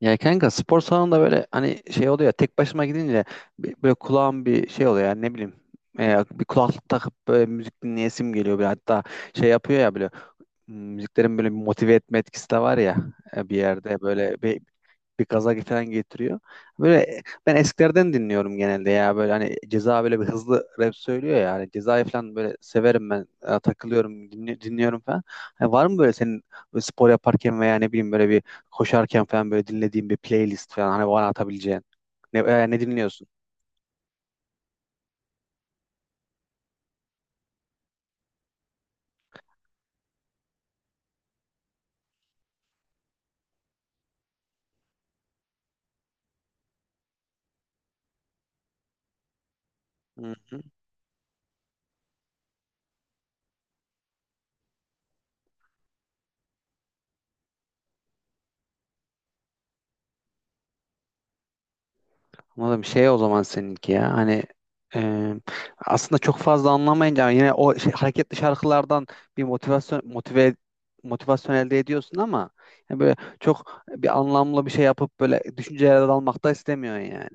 Ya kanka, spor salonunda böyle hani şey oluyor ya, tek başıma gidince böyle kulağım bir şey oluyor. Yani ne bileyim, bir kulaklık takıp böyle müzik dinleyesim geliyor böyle. Hatta şey yapıyor ya böyle, müziklerin böyle bir motive etme etkisi de var ya. Bir yerde böyle bir gaza falan getiriyor. Böyle ben eskilerden dinliyorum genelde ya, böyle hani Ceza böyle bir hızlı rap söylüyor ya, hani Ceza'yı falan böyle severim ben. Takılıyorum, dinliyorum falan. Hani var mı böyle senin böyle spor yaparken veya ne bileyim böyle bir koşarken falan böyle dinlediğin bir playlist falan, hani bana atabileceğin? Ne dinliyorsun? Hı hı. Anladım. Şey, o zaman seninki ya. E, aslında çok fazla anlamayınca yine o şey, hareketli şarkılardan bir motivasyon motive motivasyon elde ediyorsun ama yani böyle çok bir anlamlı bir şey yapıp böyle düşüncelere dalmak da istemiyorsun yani.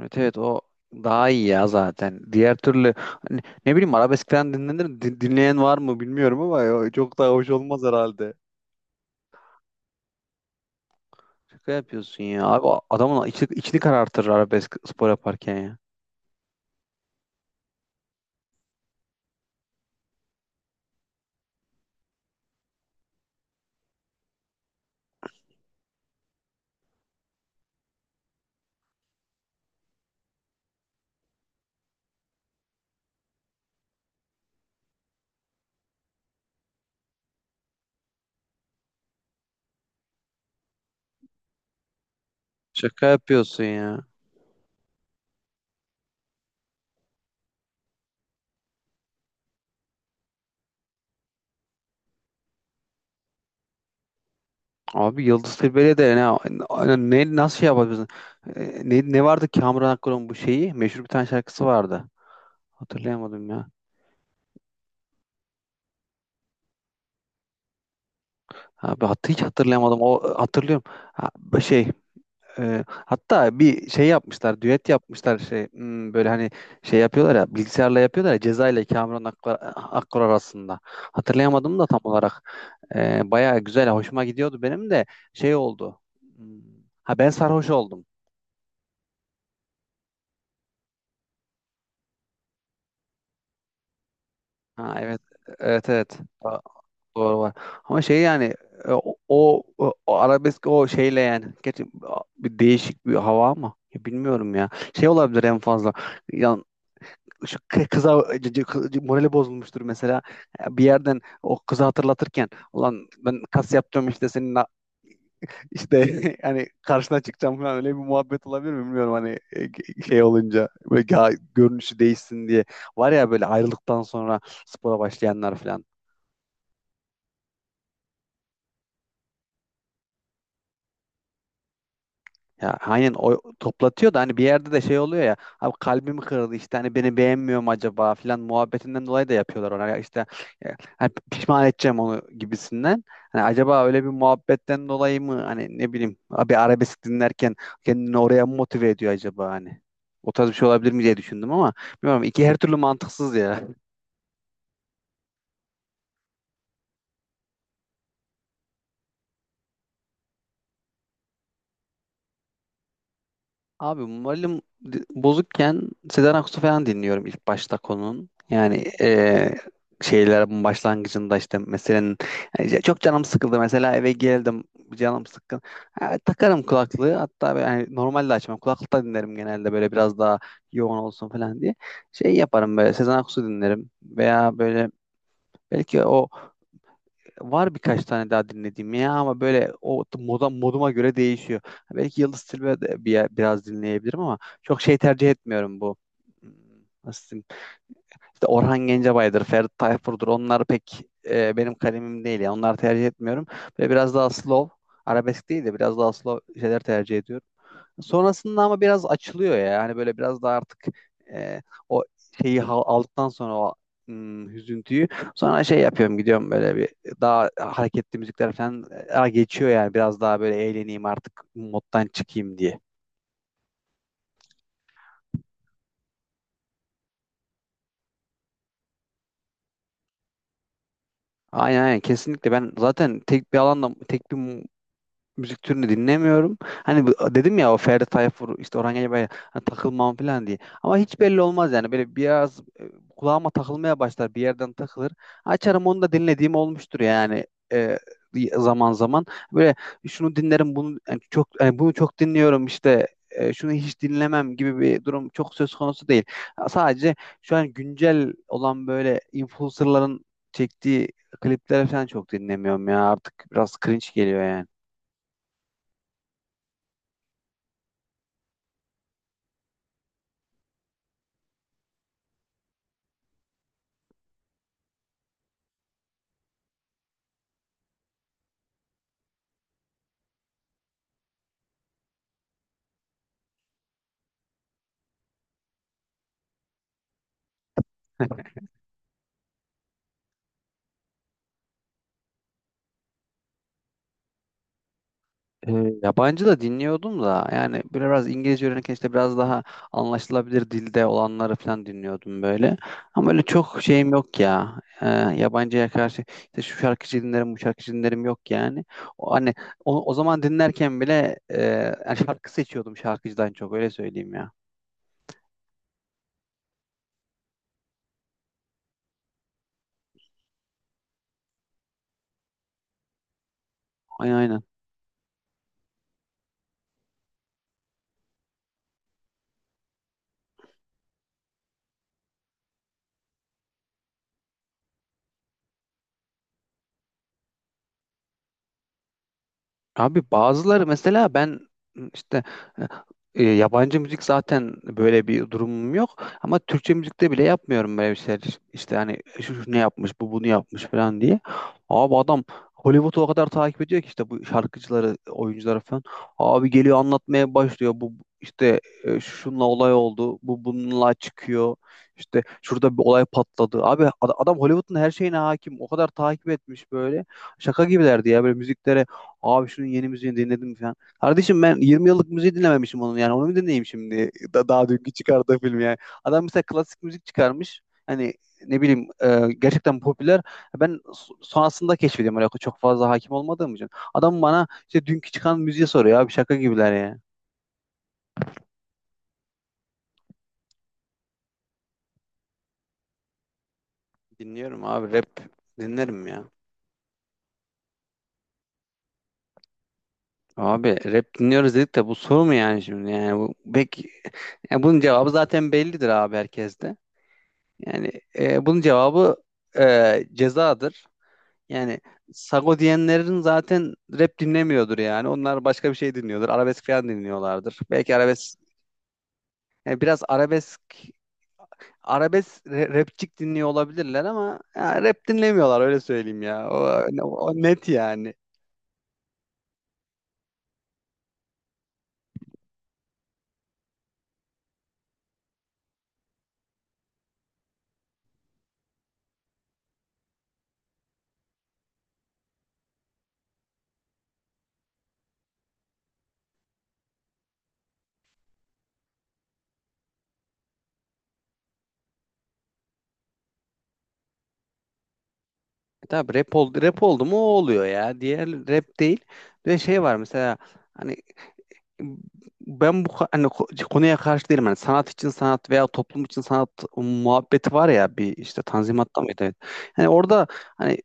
Evet, evet, o daha iyi ya zaten. Diğer türlü hani ne bileyim arabesk falan dinlenir, dinleyen var mı bilmiyorum, ama o çok daha hoş olmaz herhalde. Şaka yapıyorsun ya. Abi o adamın içini, içini karartır arabesk, spor yaparken ya. Şaka yapıyorsun ya. Abi Yıldız Tilbe'yle de ne, ne nasıl şey yapabilirsin? Ne vardı Kamuran Akkor'un bu şeyi? Meşhur bir tane şarkısı vardı. Hatırlayamadım ya. Abi hiç hatırlayamadım. O hatırlıyorum. Ha, bu şey, hatta bir şey yapmışlar, düet yapmışlar şey, böyle hani şey yapıyorlar ya, bilgisayarla yapıyorlar ya, Ceza ile Kamuran Akkor, Akkor arasında. Hatırlayamadım da tam olarak. Bayağı güzel, hoşuma gidiyordu benim de. Şey oldu. Hmm, ha ben sarhoş oldum. Ha evet. Evet evet. Doğru, var. Ama şey, yani e, o, o, o arabesk o şeyle, yani gerçi bir değişik bir hava, ama ya bilmiyorum ya. Şey olabilir en fazla. Yani şu kıza morali bozulmuştur mesela. Bir yerden o kızı hatırlatırken, ulan ben kas yapacağım işte senin işte hani karşına çıkacağım falan, öyle bir muhabbet olabilir mi bilmiyorum, hani şey olunca böyle görünüşü değişsin diye. Var ya böyle ayrılıktan sonra spora başlayanlar falan. Ya aynen, o toplatıyor da hani bir yerde de şey oluyor ya, abi kalbimi kırdı işte, hani beni beğenmiyor mu acaba filan muhabbetinden dolayı da yapıyorlar ona. Ya işte e, hani pişman edeceğim onu gibisinden. Hani acaba öyle bir muhabbetten dolayı mı, hani ne bileyim abi, arabesk dinlerken kendini oraya mı motive ediyor acaba hani. O tarz bir şey olabilir mi diye düşündüm, ama bilmiyorum, iki her türlü mantıksız ya. Abi malum, bozukken Sezen Aksu falan dinliyorum ilk başta konunun. Yani şeylerin başlangıcında işte, meselenin, yani işte çok canım sıkıldı mesela, eve geldim, canım sıkkın. Ha, takarım kulaklığı, hatta böyle, yani normalde açmam, kulaklıkta dinlerim genelde böyle, biraz daha yoğun olsun falan diye. Şey yaparım böyle, Sezen Aksu dinlerim veya böyle belki o, var birkaç tane daha dinlediğim ya, ama böyle o moduma göre değişiyor. Belki Yıldız Tilbe de biraz dinleyebilirim, ama çok şey tercih etmiyorum bu. Hmm, nasıl diyeyim? İşte Orhan Gencebay'dır, Ferdi Tayfur'dur. Onlar pek benim kalemim değil ya. Onları tercih etmiyorum. Böyle biraz daha slow, arabesk değil de biraz daha slow şeyler tercih ediyorum. Sonrasında ama biraz açılıyor ya. Hani böyle biraz daha artık e, o şeyi aldıktan sonra o, hüzüntüyü, sonra şey yapıyorum, gidiyorum böyle bir daha hareketli müzikler falan, geçiyor yani, biraz daha böyle eğleneyim artık, moddan çıkayım diye. Aynen aynen, kesinlikle ben zaten tek bir alanda tek bir müzik türünü dinlemiyorum. Hani dedim ya, o Ferdi Tayfur, işte Orhan Gencebay'la hani takılmam falan diye. Ama hiç belli olmaz yani, böyle biraz kulağıma takılmaya başlar, bir yerden takılır. Açarım, onu da dinlediğim olmuştur yani, e, zaman zaman. Böyle şunu dinlerim bunu, yani çok, yani bunu çok dinliyorum işte, şunu hiç dinlemem gibi bir durum çok söz konusu değil. Sadece şu an güncel olan böyle influencerların çektiği klipleri falan çok dinlemiyorum ya artık, biraz cringe geliyor yani. E, Yabancı da dinliyordum da, yani böyle biraz İngilizce öğrenirken işte biraz daha anlaşılabilir dilde olanları falan dinliyordum böyle. Ama öyle çok şeyim yok ya. Yabancıya karşı işte şu şarkıcı dinlerim, bu şarkıcı dinlerim yok yani. Hani o zaman dinlerken bile yani şarkı seçiyordum şarkıcıdan çok, öyle söyleyeyim ya. Aynen aynen. Abi bazıları mesela, ben işte yabancı müzik zaten böyle bir durumum yok, ama Türkçe müzikte bile yapmıyorum böyle bir şeyler. İşte hani şu ne yapmış, bu bunu yapmış falan diye. Abi adam Hollywood'u o kadar takip ediyor ki işte bu şarkıcıları, oyuncuları falan. Abi geliyor, anlatmaya başlıyor. Bu işte şununla olay oldu, bu bununla çıkıyor. İşte şurada bir olay patladı. Abi adam Hollywood'un her şeyine hakim. O kadar takip etmiş böyle. Şaka gibilerdi ya böyle müziklere. Abi şunun yeni müziğini dinledim falan. Kardeşim, ben 20 yıllık müziği dinlememişim onun yani. Onu mu dinleyeyim şimdi? Daha dünkü çıkardığı film yani. Adam mesela klasik müzik çıkarmış. Hani ne bileyim gerçekten popüler. Ben sonrasında keşfediyorum, öyle çok fazla hakim olmadığım için. Adam bana işte dünkü çıkan müziği soruyor, abi şaka gibiler ya. Dinliyorum abi, rap dinlerim ya. Abi rap dinliyoruz dedik de, bu soru mu yani şimdi? Yani bu pek, yani bunun cevabı zaten bellidir abi, herkeste. Yani bunun cevabı cezadır. Yani sago diyenlerin zaten rap dinlemiyordur yani. Onlar başka bir şey dinliyordur. Arabesk falan dinliyorlardır. Belki arabesk, yani biraz arabesk rapçik dinliyor olabilirler, ama ya rap dinlemiyorlar, öyle söyleyeyim ya. O net yani. E tabii, rap oldu, rap oldu mu o oluyor ya. Diğer rap değil. Ve şey var mesela, hani ben bu hani konuya karşı değilim. Hani sanat için sanat veya toplum için sanat muhabbeti var ya bir, işte Tanzimat'ta mıydı? Evet. Yani orada hani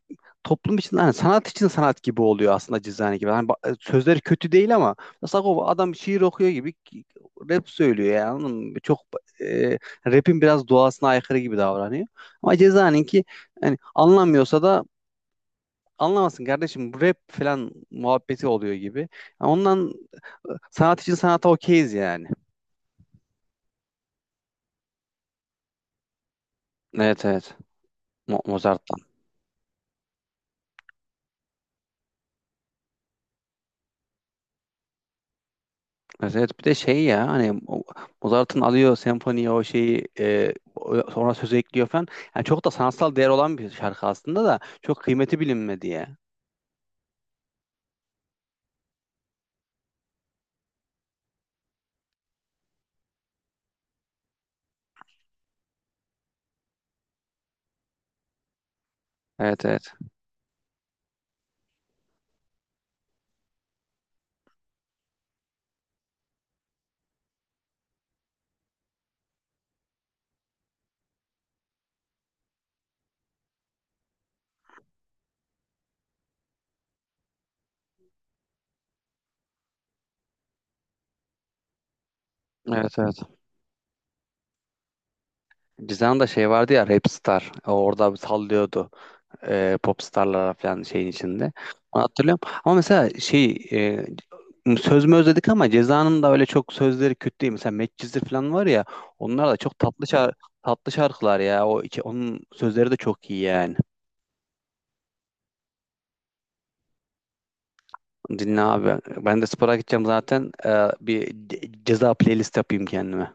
toplum için, hani sanat için sanat gibi oluyor aslında Cizani gibi. Hani sözleri kötü değil, ama mesela adam şiir okuyor gibi rap söylüyor yani. Anladın mı? Çok e, rap'in biraz doğasına aykırı gibi davranıyor. Ama Cezaninki, hani anlamıyorsa da anlamasın kardeşim, bu rap falan muhabbeti oluyor gibi. Ya ondan sanat için sanata okeyiz yani. Evet evet. Mozart'tan. Evet, evet. Bir de şey ya, hani Mozart'ın alıyor senfoniye o şeyi, sonra söz ekliyor falan. Yani çok da sanatsal değer olan bir şarkı aslında, da çok kıymeti bilinmedi ya. Evet evet. Evet evet. Cizan'da şey vardı ya, Rap Star. O orada bir sallıyordu popstarlara falan şeyin içinde. Onu hatırlıyorum. Ama mesela şey, söz mü özledik, ama Ceza'nın da öyle çok sözleri kötü değil. Mesela Medcezir falan var ya, onlar da çok tatlı şarkılar ya. Onun sözleri de çok iyi yani. Dinle abi. Ben de spora gideceğim zaten. E, bir ceza playlist yapayım kendime.